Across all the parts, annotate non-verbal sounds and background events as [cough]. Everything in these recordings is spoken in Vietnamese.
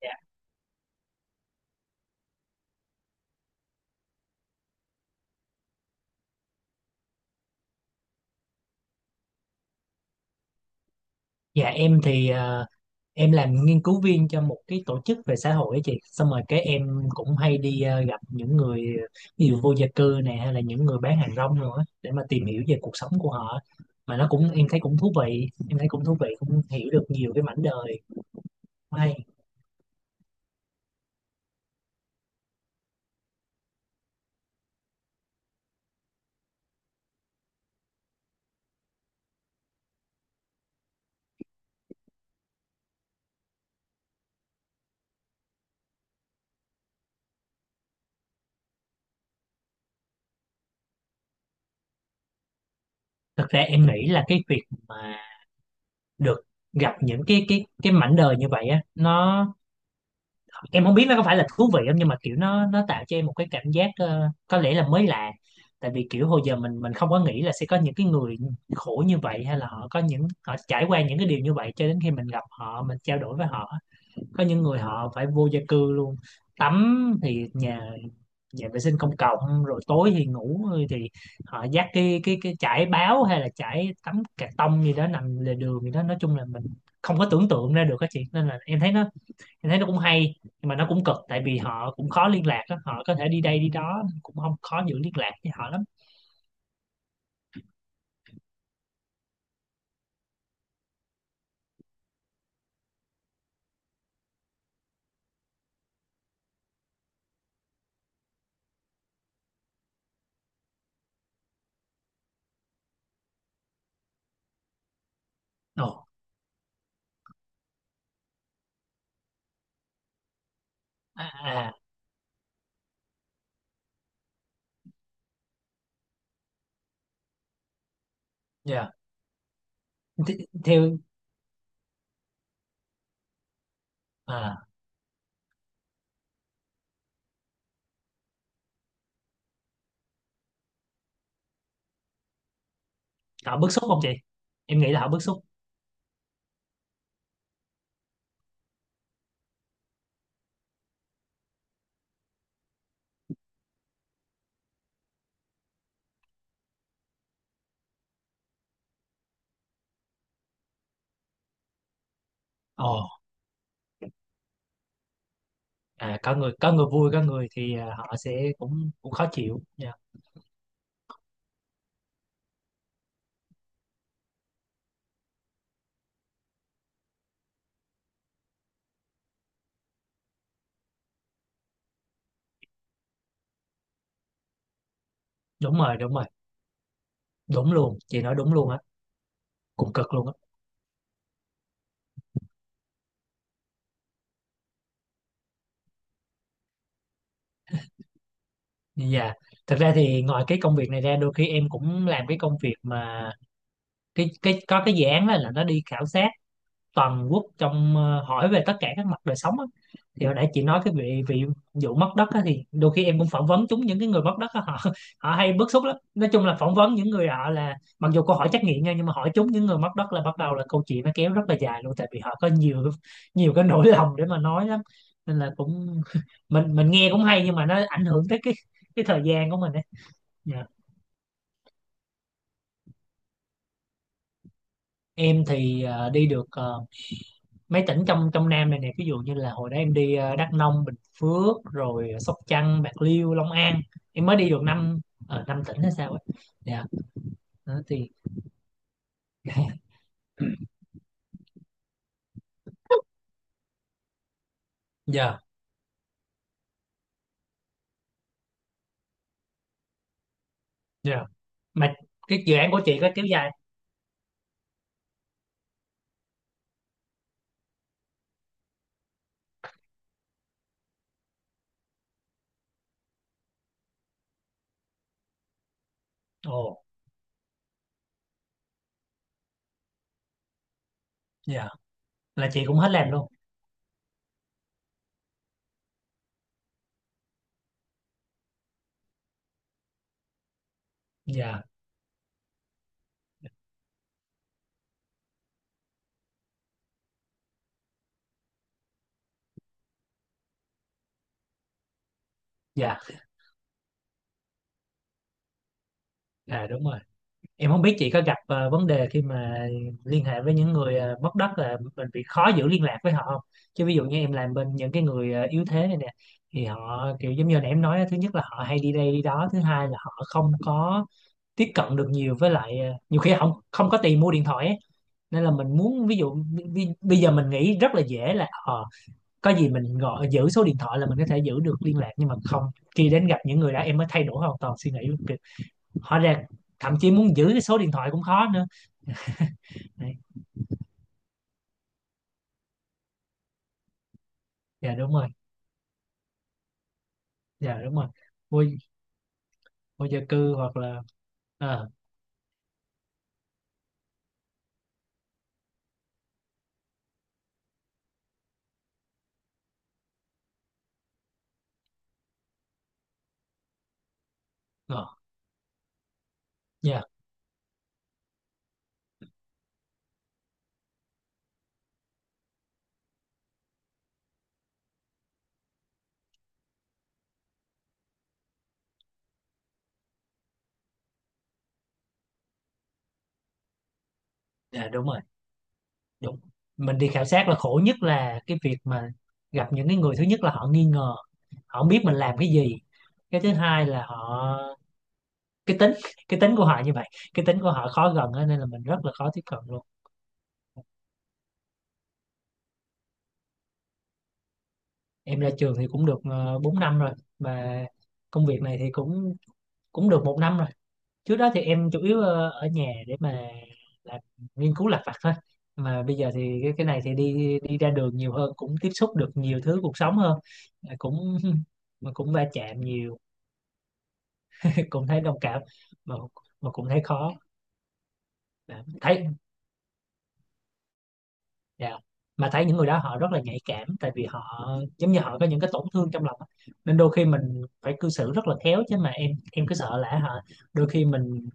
Dạ, dạ, em thì em làm nghiên cứu viên cho một cái tổ chức về xã hội á chị, xong rồi cái em cũng hay đi gặp những người ví dụ vô gia cư nè, hay là những người bán hàng rong nữa để mà tìm hiểu về cuộc sống của họ, mà nó cũng em thấy cũng thú vị, em thấy cũng thú vị, cũng hiểu được nhiều cái mảnh đời hay. Thật ra em nghĩ là cái việc mà được gặp những cái mảnh đời như vậy á, em không biết nó có phải là thú vị không, nhưng mà kiểu nó tạo cho em một cái cảm giác có lẽ là mới lạ. Tại vì kiểu hồi giờ mình không có nghĩ là sẽ có những cái người khổ như vậy, hay là họ có họ trải qua những cái điều như vậy cho đến khi mình gặp họ, mình trao đổi với họ. Có những người họ phải vô gia cư luôn, tắm thì nhà nhà vệ sinh công cộng, rồi tối thì ngủ thì họ dắt cái chải báo hay là chải tấm cà tông gì đó nằm lề đường gì đó. Nói chung là mình không có tưởng tượng ra được các chị, nên là em thấy nó cũng hay nhưng mà nó cũng cực, tại vì họ cũng khó liên lạc á, họ có thể đi đây đi đó cũng không khó giữ liên lạc với họ lắm. Ồ. À, à. Dạ. Th Theo. À, họ bức xúc không chị? Em nghĩ là họ bức xúc. Ồ. À, có người, có người vui, có người thì à, họ sẽ cũng cũng khó chịu dạ. Đúng rồi, đúng rồi. Đúng luôn, chị nói đúng luôn á. Cũng cực luôn á. Dạ. Thực ra thì ngoài cái công việc này ra, đôi khi em cũng làm cái công việc mà cái có cái dự án đó là nó đi khảo sát toàn quốc, trong hỏi về tất cả các mặt đời sống á. Thì hồi nãy chị nói cái vị vị vụ mất đất á, thì đôi khi em cũng phỏng vấn chúng những cái người mất đất á, họ họ hay bức xúc lắm. Nói chung là phỏng vấn những người họ là mặc dù câu hỏi trắc nghiệm nha, nhưng mà hỏi chúng những người mất đất là bắt đầu là câu chuyện nó kéo rất là dài luôn, tại vì họ có nhiều nhiều cái nỗi lòng để mà nói lắm, nên là cũng [laughs] mình nghe cũng hay nhưng mà nó ảnh hưởng tới cái thời gian của mình ấy. Dạ. Em thì đi được mấy tỉnh trong trong Nam này nè, ví dụ như là hồi đó em đi Đắk Nông, Bình Phước, rồi Sóc Trăng, Bạc Liêu, Long An. Em mới đi được năm, ở năm tỉnh hay sao ấy. Dạ. Đó thì [laughs] dạ, dạ, mà cái dự án của chị có kéo dài? Ồ. Dạ, là chị cũng hết làm luôn. Dạ. Dạ, à đúng rồi. Em không biết chị có gặp vấn đề khi mà liên hệ với những người mất đất là mình bị khó giữ liên lạc với họ không? Chứ ví dụ như em làm bên những cái người yếu thế này nè thì họ kiểu giống như nãy em nói á, thứ nhất là họ hay đi đây đi đó, thứ hai là họ không có tiếp cận được nhiều, với lại nhiều khi họ không không có tiền mua điện thoại ấy. Nên là mình muốn ví dụ bây giờ mình nghĩ rất là dễ là có gì mình gọi giữ số điện thoại là mình có thể giữ được liên lạc, nhưng mà không, khi đến gặp những người đó em mới thay đổi hoàn toàn suy nghĩ kiểu, hóa ra thậm chí muốn giữ cái số điện thoại cũng khó nữa. Đấy. Dạ đúng rồi, dạ đúng rồi. Vô, vô gia cư hoặc là à, ngọt. Dạ, dạ đúng rồi, đúng. Mình đi khảo sát là khổ nhất là cái việc mà gặp những cái người thứ nhất là họ nghi ngờ, họ không biết mình làm cái gì. Cái thứ hai là họ cái tính, cái tính của họ như vậy, cái tính của họ khó gần á, nên là mình rất là khó tiếp cận luôn. Em ra trường thì cũng được 4 năm rồi, mà công việc này thì cũng cũng được một năm rồi. Trước đó thì em chủ yếu ở nhà để mà làm nghiên cứu lặt vặt thôi, mà bây giờ thì cái này thì đi đi ra đường nhiều hơn, cũng tiếp xúc được nhiều thứ cuộc sống hơn. Mà cũng [laughs] mà cũng va chạm nhiều. [laughs] Cũng thấy đồng cảm. Mà mà cũng thấy khó. Dạ, thấy dạ. Mà thấy những người đó họ rất là nhạy cảm, tại vì họ giống như họ có những cái tổn thương trong lòng á, nên đôi khi mình phải cư xử rất là khéo, chứ mà em cứ sợ là họ, đôi khi mình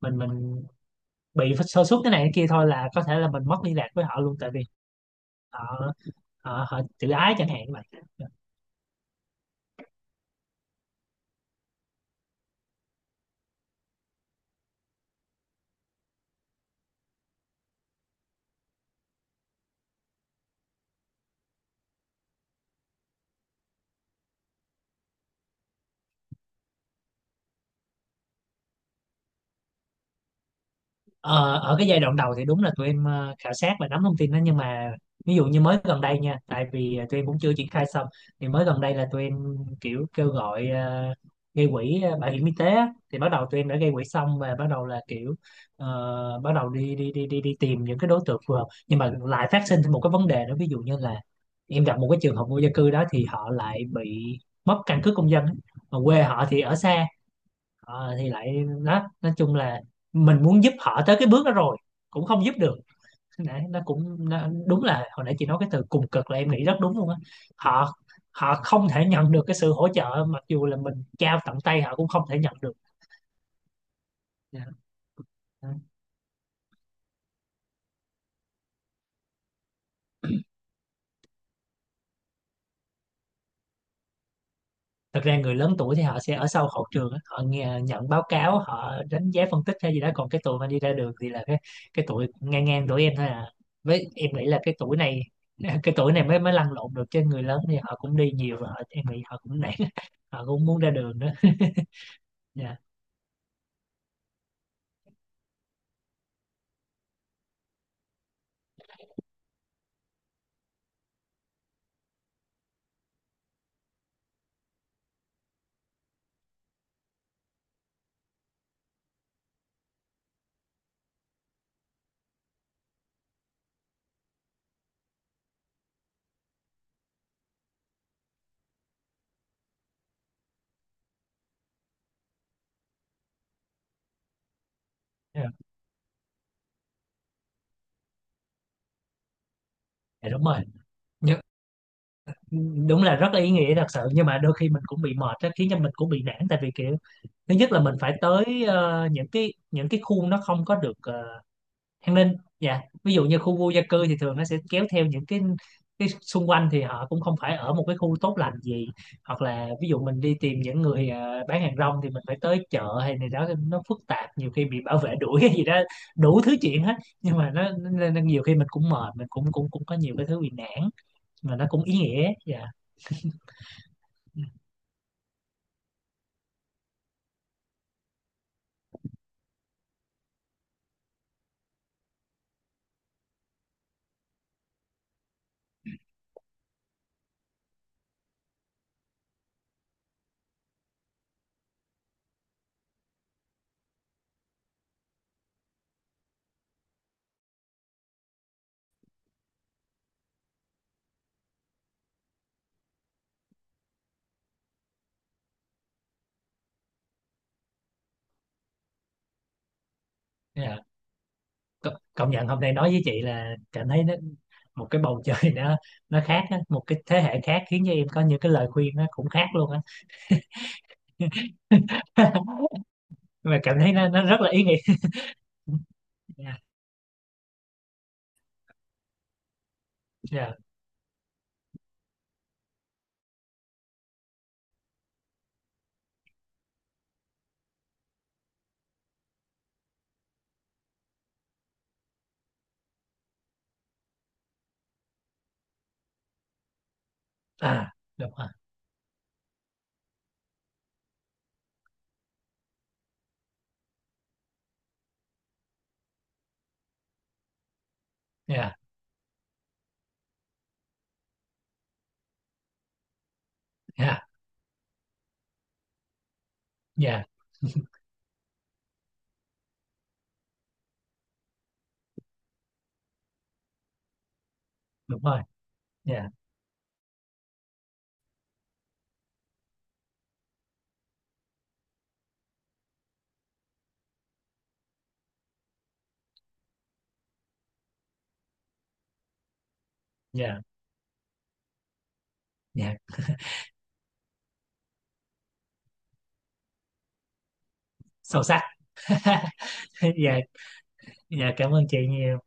mình mình bị sơ suất cái này cái kia thôi là có thể là mình mất liên lạc với họ luôn, tại vì họ, họ tự ái chẳng hạn như vậy. Ờ, Ở cái giai đoạn đầu thì đúng là tụi em khảo sát và nắm thông tin đó, nhưng mà ví dụ như mới gần đây nha, tại vì tụi em cũng chưa triển khai xong, thì mới gần đây là tụi em kiểu kêu gọi gây quỹ bảo hiểm y tế á. Thì bắt đầu tụi em đã gây quỹ xong và bắt đầu là kiểu bắt đầu đi đi đi đi đi tìm những cái đối tượng phù hợp, nhưng mà lại phát sinh thêm một cái vấn đề nữa. Ví dụ như là em gặp một cái trường hợp vô gia cư đó, thì họ lại bị mất căn cước công dân á, mà quê họ thì ở xa. Thì lại đó nói chung là mình muốn giúp họ tới cái bước đó rồi cũng không giúp được. [laughs] Nãy nó cũng nó, đúng là hồi nãy chị nói cái từ cùng cực là em nghĩ rất đúng luôn á. Họ họ không thể nhận được cái sự hỗ trợ, mặc dù là mình trao tận tay họ cũng không thể nhận được. Dạ. Thật ra người lớn tuổi thì họ sẽ ở sau hậu trường á, họ nghe nhận báo cáo, họ đánh giá phân tích hay gì đó, còn cái tuổi mà đi ra đường thì là cái tuổi ngang ngang tuổi em thôi à. Với em nghĩ là cái tuổi này [laughs] cái tuổi này mới mới lăn lộn được, chứ người lớn thì họ cũng đi nhiều và họ, em nghĩ họ cũng nản. [laughs] Họ cũng muốn ra đường đó. [laughs] Dạ. Dạ, dạ, đúng rồi. Nhưng, đúng là rất là ý nghĩa thật sự, nhưng mà đôi khi mình cũng bị mệt á khiến cho mình cũng bị nản, tại vì kiểu thứ nhất là mình phải tới những cái khuôn nó không có được an ninh dạ. Ví dụ như khu vô gia cư thì thường nó sẽ kéo theo những cái xung quanh thì họ cũng không phải ở một cái khu tốt lành gì. Hoặc là ví dụ mình đi tìm những người bán hàng rong thì mình phải tới chợ hay này đó, nó phức tạp, nhiều khi bị bảo vệ đuổi cái gì đó, đủ thứ chuyện hết. Nhưng mà nên nhiều khi mình cũng mệt, mình cũng cũng cũng có nhiều cái thứ bị nản, mà nó cũng ý nghĩa dạ. Dạ. Công nhận hôm nay nói với chị là cảm thấy nó một cái bầu trời [laughs] nó khác á, một cái thế hệ khác khiến cho em có những cái lời khuyên nó cũng khác luôn á. [laughs] Mà cảm thấy nó rất là ý nghĩa. Dạ. Dạ, à đúng rồi. Dạ. Dạ, dạ đúng rồi. Dạ. Dạ. Dạ, sâu sắc. [laughs] Dạ. Dạ, cảm ơn chị nhiều.